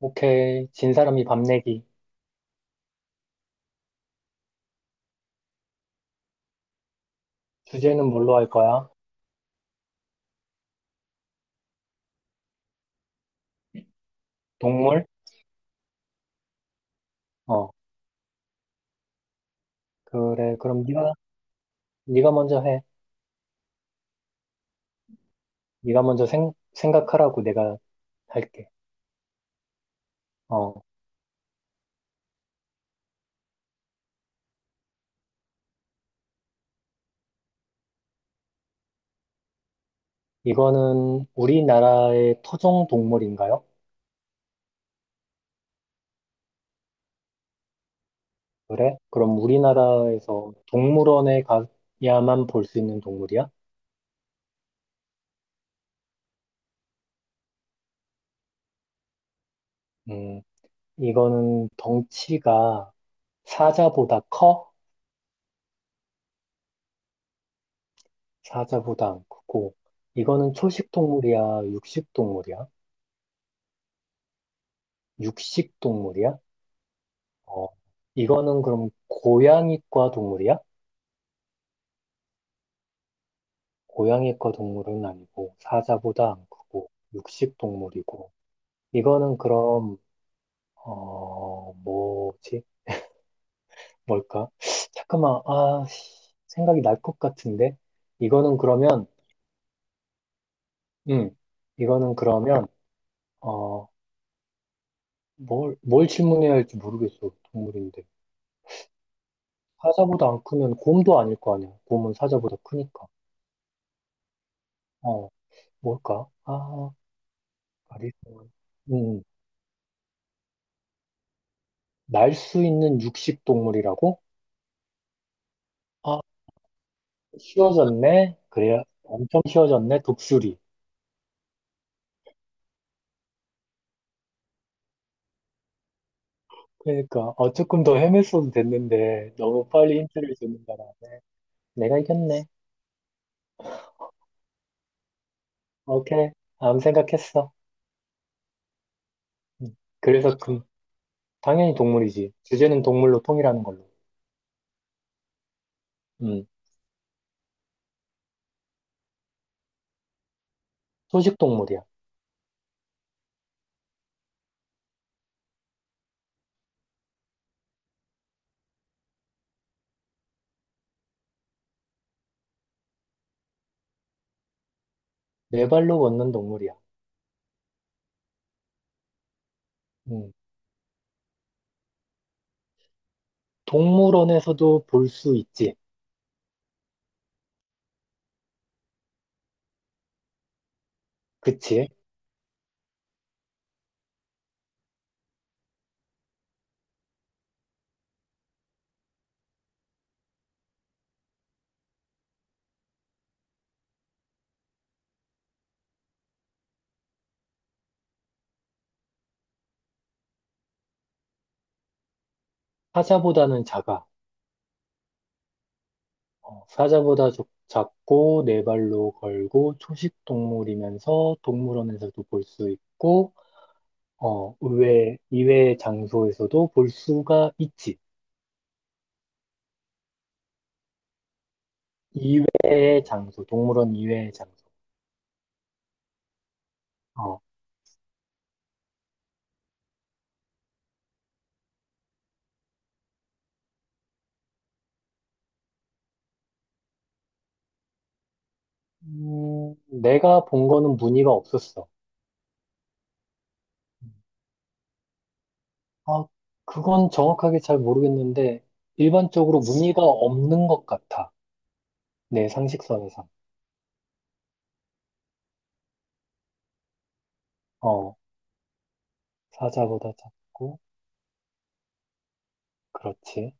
오케이. 진 사람이 밥 내기. 주제는 뭘로 할 거야? 동물? 어. 그래. 그럼 네가 먼저 해. 네가 먼저 생각하라고 내가 할게. 어. 이거는 우리나라의 토종 동물인가요? 그래? 그럼 우리나라에서 동물원에 가야만 볼 수 있는 동물이야? 음. 이거는 덩치가 사자보다 커? 사자보다 안 크고. 이거는 초식 동물이야? 육식 동물이야? 육식 동물이야? 어, 이거는 그럼 고양이과 동물이야? 고양이과 동물은 아니고 사자보다 안 크고 육식 동물이고 이거는 그럼 뭐지? 뭘까? 잠깐만, 아 씨, 생각이 날 것 같은데. 이거는 그러면 음 이거는 그러면 어뭘 뭘뭘 질문해야 할지 모르겠어. 동물인데 사자보다 안 크면 곰도 아닐 거 아니야. 곰은 사자보다 크니까. 어 뭘까? 아 아리 음 날 수 있는 육식 동물이라고? 아, 쉬워졌네? 그래, 엄청 쉬워졌네? 독수리. 그러니까, 조금 더 헤맸어도 됐는데, 너무 빨리 힌트를 주는 가라. 내가 이겼네. 오케이. 다음 생각했어. 음. 그래서 당연히 동물이지. 주제는 동물로 통일하는 걸로. 음, 초식 동물이야. 네 발로 걷는 동물이야. 음, 동물원에서도 볼 수 있지. 그치? 사자보다는 작아. 사자보다 작고 네 발로 걸고 초식 동물이면서 동물원에서도 볼 수 있고, 의외 이외의 장소에서도 볼 수가 있지. 이외의 장소, 동물원 이외의 장소. 어, 내가 본 거는 무늬가 없었어. 아, 그건 정확하게 잘 모르겠는데 일반적으로 무늬가 없는 것 같아. 내 상식선에서. 어, 사자보다 작고 그렇지.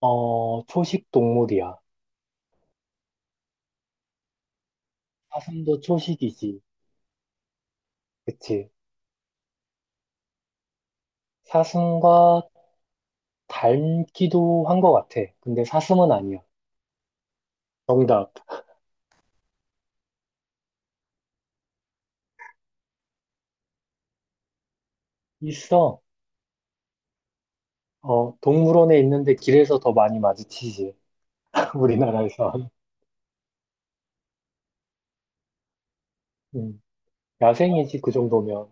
초식 동물이야. 사슴도 초식이지. 그치. 사슴과 닮기도 한 것 같아. 근데 사슴은 아니야. 정답. 있어. 동물원에 있는데 길에서 더 많이 마주치지. 우리나라에서. 음, 야생이지, 그 정도면.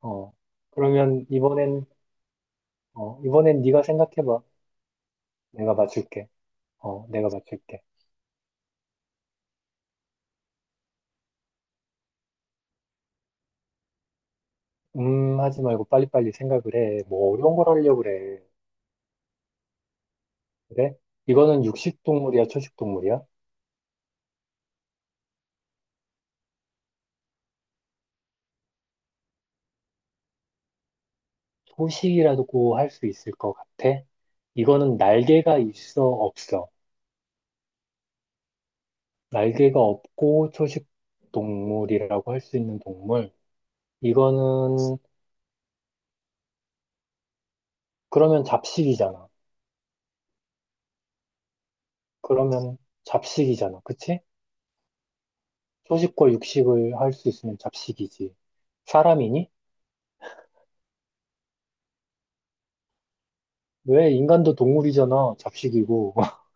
어, 그러면 이번엔 네가 생각해봐. 내가 맞출게. 내가 맞출게. 하지 말고 빨리빨리 생각을 해. 뭐 어려운 걸 하려고 그래. 그래? 이거는 육식 동물이야, 초식 동물이야? 소식이라고 할 수 있을 것 같아? 이거는 날개가 있어 없어? 날개가 없고 초식 동물이라고 할 수 있는 동물. 이거는 그러면 잡식이잖아. 그러면 잡식이잖아. 그치? 초식과 육식을 할 수 있으면 잡식이지. 사람이니? 왜 인간도 동물이잖아. 잡식이고.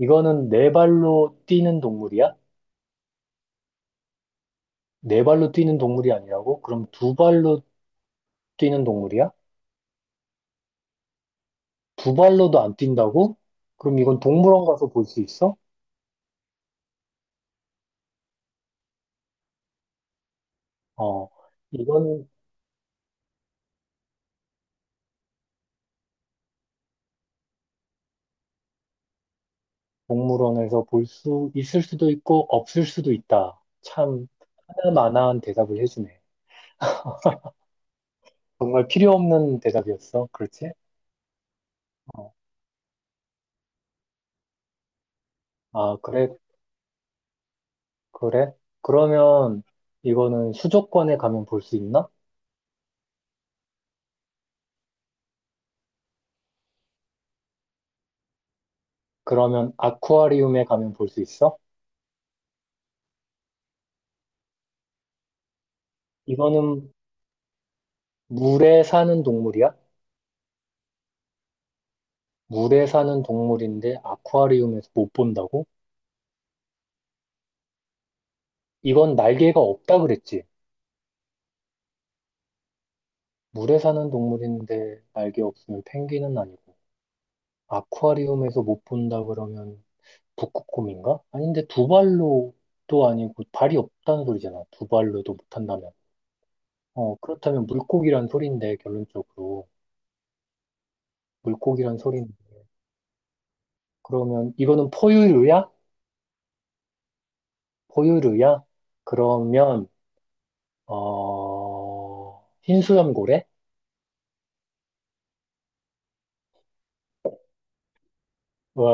이거는 네 발로 뛰는 동물이야? 네 발로 뛰는 동물이 아니라고? 그럼 두 발로 뛰는 동물이야? 두 발로도 안 뛴다고? 그럼 이건 동물원 가서 볼 수 있어? 어, 이건 동물원에서 볼 수 있을 수도 있고 없을 수도 있다. 참 하나만한 대답을 해주네. 정말 필요 없는 대답이었어. 그렇지? 어, 아, 그래, 그래. 그러면 이거는 수족관에 가면 볼 수 있나? 그러면 아쿠아리움에 가면 볼 수 있어? 이거는 물에 사는 동물이야? 물에 사는 동물인데 아쿠아리움에서 못 본다고? 이건 날개가 없다 그랬지? 물에 사는 동물인데 날개 없으면 펭귄은 아니고 아쿠아리움에서 못 본다 그러면 북극곰인가? 아닌데 두 발로도 아니고 발이 없다는 소리잖아. 두 발로도 못한다면. 그렇다면 물고기란 소린데 결론적으로, 물고기란 소린 그러면 이거는 포유류야? 포유류야? 그러면 흰수염고래? 와.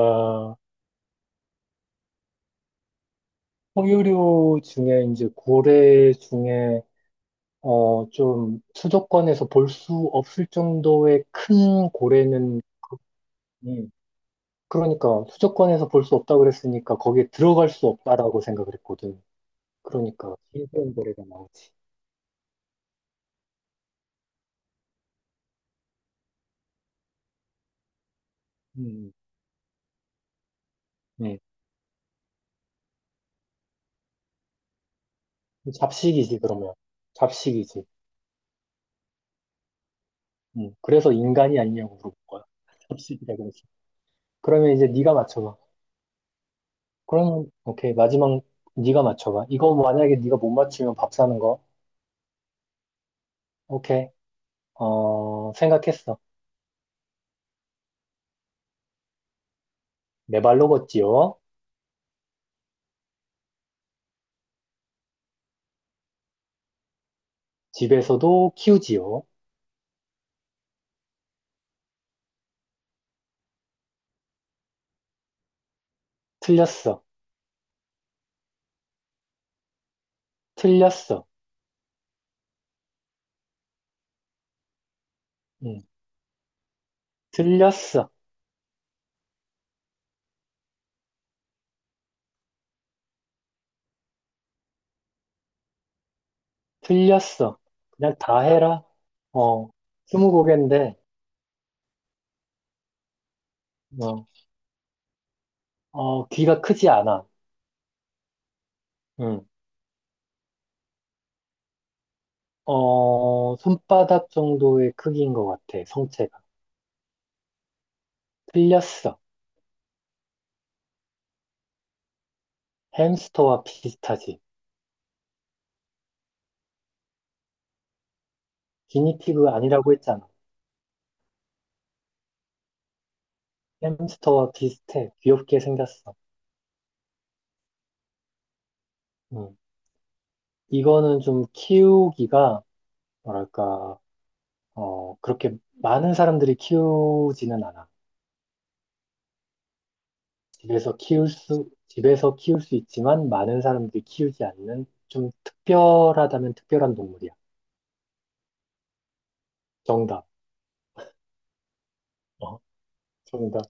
포유류 중에 이제 고래 중에, 좀 수도권에서 볼 수 없을 정도의 큰 고래는. 음, 그러니까 수도권에서 볼 수 없다 그랬으니까 거기에 들어갈 수 없다라고 생각을 했거든. 그러니까 신기한 고래가 나오지. 음, 네. 잡식이지, 그러면. 잡식이지. 그래서 인간이 아니냐고 물어볼 거야. 잡식이라 그랬어. 그러면 이제 네가 맞춰봐. 그러면, 오케이. 마지막, 네가 맞춰봐. 이거 만약에 네가 못 맞추면 밥 사는 거. 오케이. 생각했어. 네 발로 걷지요. 집에서도 키우지요. 틀렸어. 틀렸어. 음, 틀렸어. 틀렸어. 그냥 다 해라. 어, 스무 고개인데, 어, 귀가 크지 않아. 음, 손바닥 정도의 크기인 것 같아. 성체가. 틀렸어. 햄스터와 비슷하지. 기니피그 아니라고 했잖아. 햄스터와 비슷해. 귀엽게 생겼어. 음, 이거는 좀 키우기가, 뭐랄까, 그렇게 많은 사람들이 키우지는 않아. 집에서 키울 수 있지만 많은 사람들이 키우지 않는 좀 특별하다면 특별한 동물이야. 정답. 어, 정답.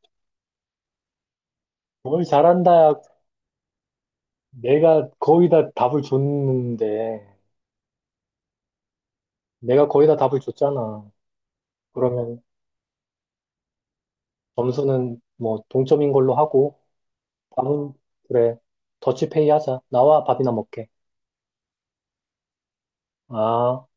뭘 잘한다. 내가 거의 다 답을 줬는데, 내가 거의 다 답을 줬잖아. 그러면 점수는 뭐 동점인 걸로 하고, 밥은, 그래, 더치페이 하자. 나와 밥이나 먹게. 아.